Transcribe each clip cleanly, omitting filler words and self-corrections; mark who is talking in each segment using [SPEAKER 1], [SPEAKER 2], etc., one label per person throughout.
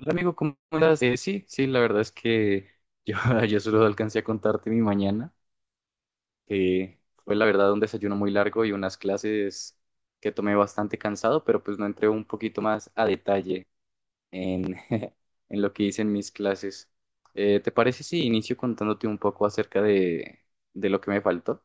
[SPEAKER 1] Hola amigo, ¿cómo andas? Sí, sí, la verdad es que yo, yo solo alcancé a contarte mi mañana, que fue la verdad un desayuno muy largo y unas clases que tomé bastante cansado, pero pues no entré un poquito más a detalle en, en lo que hice en mis clases. ¿Te parece si inicio contándote un poco acerca de lo que me faltó?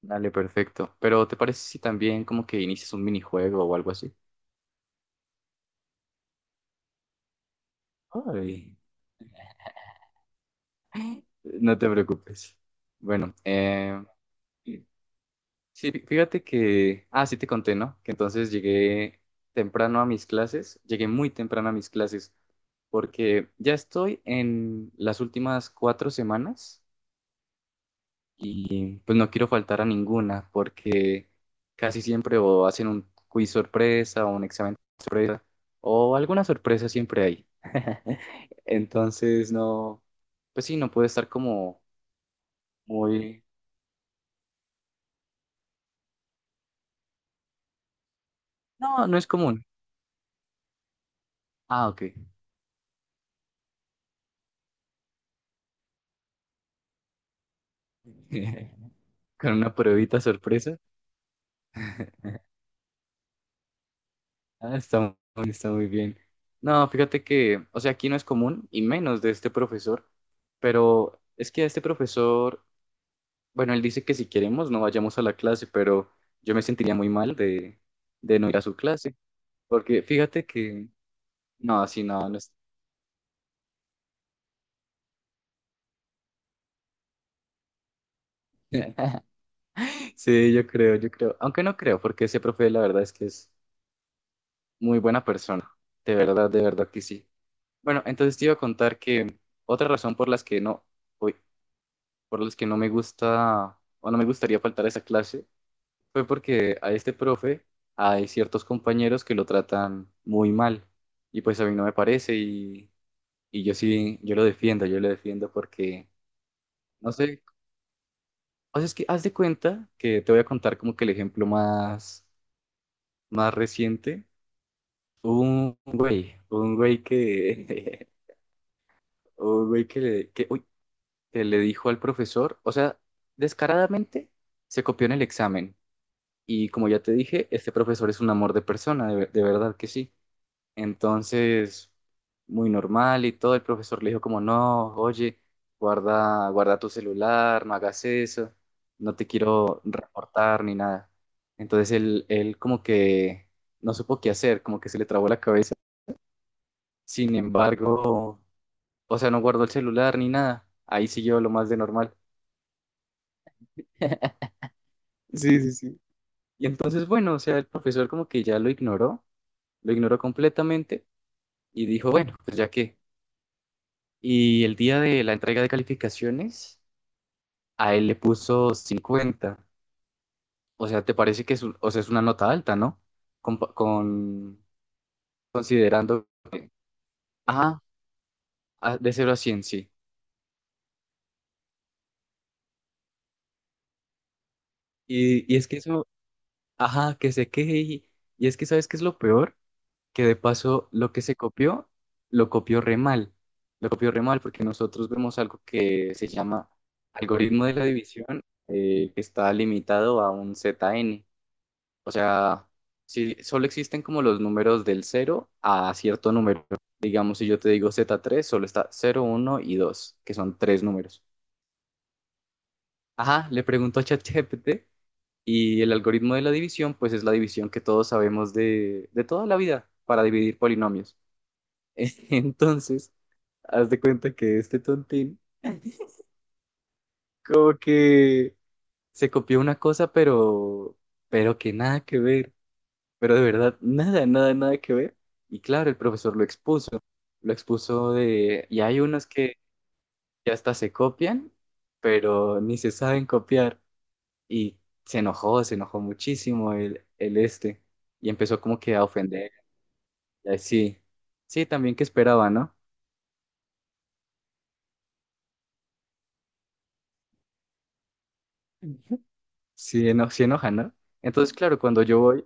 [SPEAKER 1] Dale, perfecto. Pero ¿te parece si también como que inicias un minijuego o algo así? Ay, no te preocupes. Bueno. Sí, fíjate que, sí te conté, ¿no? Que entonces llegué temprano a mis clases, llegué muy temprano a mis clases, porque ya estoy en las últimas 4 semanas y pues no quiero faltar a ninguna, porque casi siempre o hacen un quiz sorpresa o un examen sorpresa, o alguna sorpresa siempre hay. Entonces, no, pues sí, no puede estar como muy. No, no es común. Ah, ok. Con una pruebita sorpresa. Ah, está muy bien. No, fíjate que, o sea, aquí no es común y menos de este profesor, pero es que a este profesor, bueno, él dice que si queremos no vayamos a la clase, pero yo me sentiría muy mal de no ir a su clase, porque fíjate que, no, así no, no es. Sí, yo creo, aunque no creo, porque ese profe la verdad es que es muy buena persona, de verdad que sí. Bueno, entonces te iba a contar que otra razón por las que no, voy por los que no me gusta o no me gustaría faltar a esa clase fue porque a este profe hay ciertos compañeros que lo tratan muy mal y pues a mí no me parece y yo sí, yo lo defiendo porque, no sé, o sea, es que haz de cuenta que te voy a contar como que el ejemplo más reciente. Hubo un güey que, un güey que le, que, uy, que le dijo al profesor, o sea, descaradamente se copió en el examen. Y como ya te dije, este profesor es un amor de persona, de verdad que sí. Entonces, muy normal y todo, el profesor le dijo como, no, oye, guarda, guarda tu celular, no hagas eso, no te quiero reportar ni nada. Entonces él como que no supo qué hacer, como que se le trabó la cabeza. Sin embargo, o sea, no guardó el celular ni nada. Ahí siguió lo más de normal. Sí, sí, sí. Y entonces, bueno, o sea, el profesor como que ya lo ignoró completamente. Y dijo, bueno, pues ya que. Y el día de la entrega de calificaciones, a él le puso 50. O sea, ¿te parece que o sea, es una nota alta, ¿no? Compa- Con, considerando, ajá, de 0 a 100 sí. Y es que eso, ajá, que se queje. Y es que, ¿sabes qué es lo peor? Que de paso, lo que se copió, lo copió re mal. Lo copió re mal porque nosotros vemos algo que se llama algoritmo de la división, que está limitado a un ZN. O sea, si solo existen como los números del cero a cierto número. Digamos, si yo te digo z tres, solo está cero, uno y 2, que son tres números. Ajá, le pregunto a ChatGPT y el algoritmo de la división, pues es la división que todos sabemos de toda la vida para dividir polinomios. Entonces, haz de cuenta que este tontín como que se copió una cosa, pero que nada que ver. Pero de verdad, nada, nada, nada que ver. Y claro, el profesor lo expuso de, y hay unos que ya hasta se copian, pero ni se saben copiar. Y se enojó muchísimo el este, y empezó como que a ofender. Y así, sí, también que esperaba, ¿no? Ujú. Sí, sí enoja, ¿no? Entonces, claro, cuando yo voy,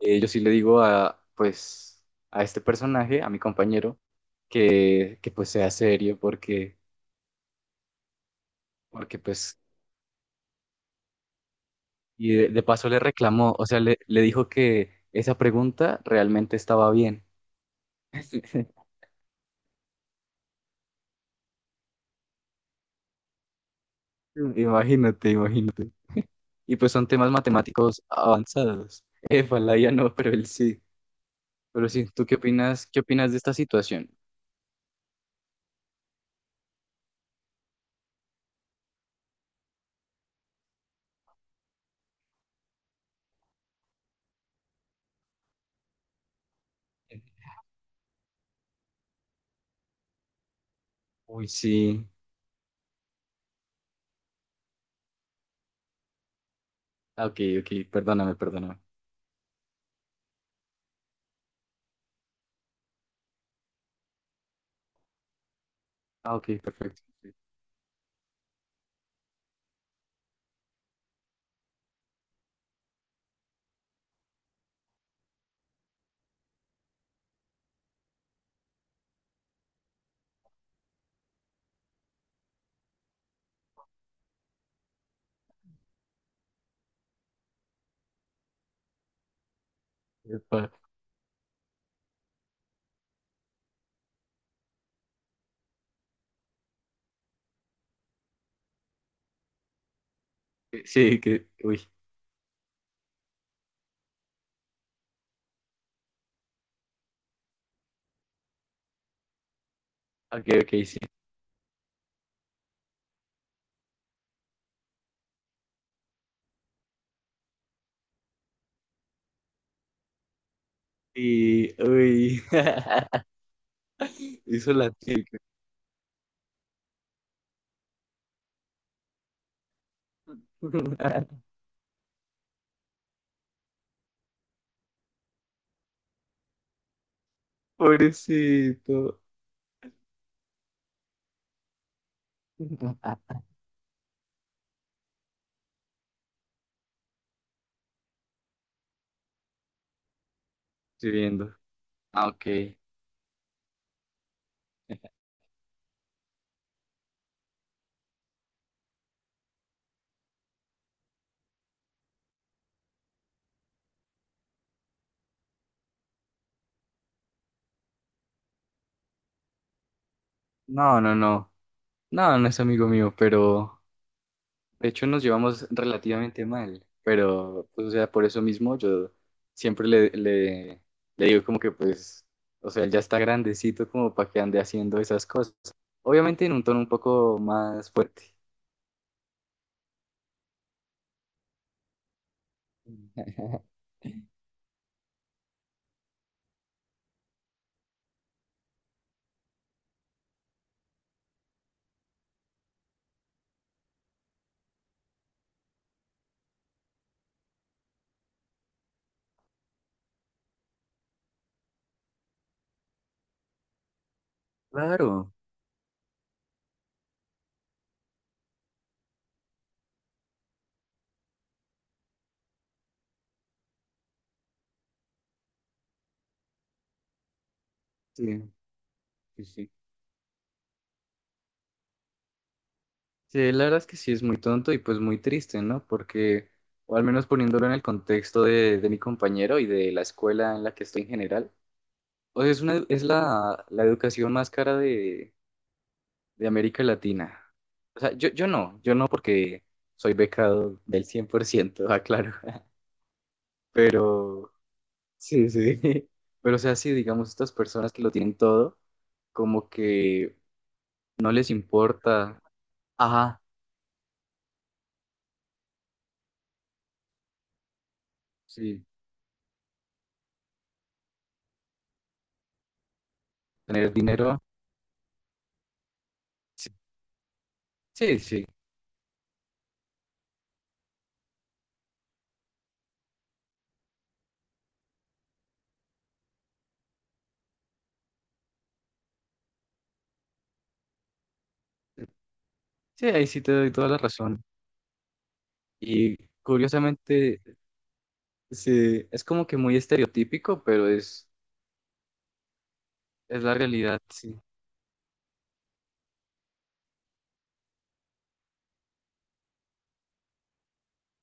[SPEAKER 1] yo sí le digo a, pues, a este personaje, a mi compañero, que pues sea serio, porque pues. Y de paso le reclamó, o sea, le dijo que esa pregunta realmente estaba bien. Imagínate, imagínate. Y pues son temas matemáticos avanzados. Éfala, ya no, pero él sí. Pero sí, ¿tú qué opinas? ¿Qué opinas de esta situación? Uy, sí. Ah, ok, ok, perdóname, perdóname. Ah, ok, perfecto. Sí, Epa. Sí, que, uy. Ok, ok, sí. Y, uy. Hizo la chica. Pobrecito. Estoy viendo. Ah, ok. No, no, no. No, no es amigo mío, pero de hecho nos llevamos relativamente mal. Pero, pues, o sea, por eso mismo yo siempre le digo como que, pues, o sea, él ya está grandecito como para que ande haciendo esas cosas. Obviamente en un tono un poco más fuerte. Claro. Sí, sí, sí. Sí, la verdad es que sí es muy tonto y pues muy triste, ¿no? Porque, o al menos poniéndolo en el contexto de mi compañero y de la escuela en la que estoy en general, o sea, es la educación más cara de América Latina. O sea, yo no, yo no porque soy becado del 100%, aclaro. Pero, sí, sí. Pero, o sea, sí, digamos, estas personas que lo tienen todo, como que no les importa, ajá, sí, tener dinero. Sí, sí. Sí, sí, ahí sí te doy toda la razón. Y curiosamente, sí, es como que muy estereotípico, pero es la realidad, sí.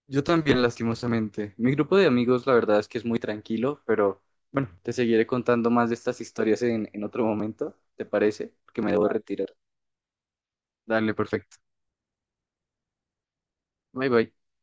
[SPEAKER 1] Yo también, lastimosamente. Mi grupo de amigos, la verdad es que es muy tranquilo, pero bueno, te seguiré contando más de estas historias en otro momento, ¿te parece? Que me debo, vale, retirar. Dale, perfecto. Bye bye.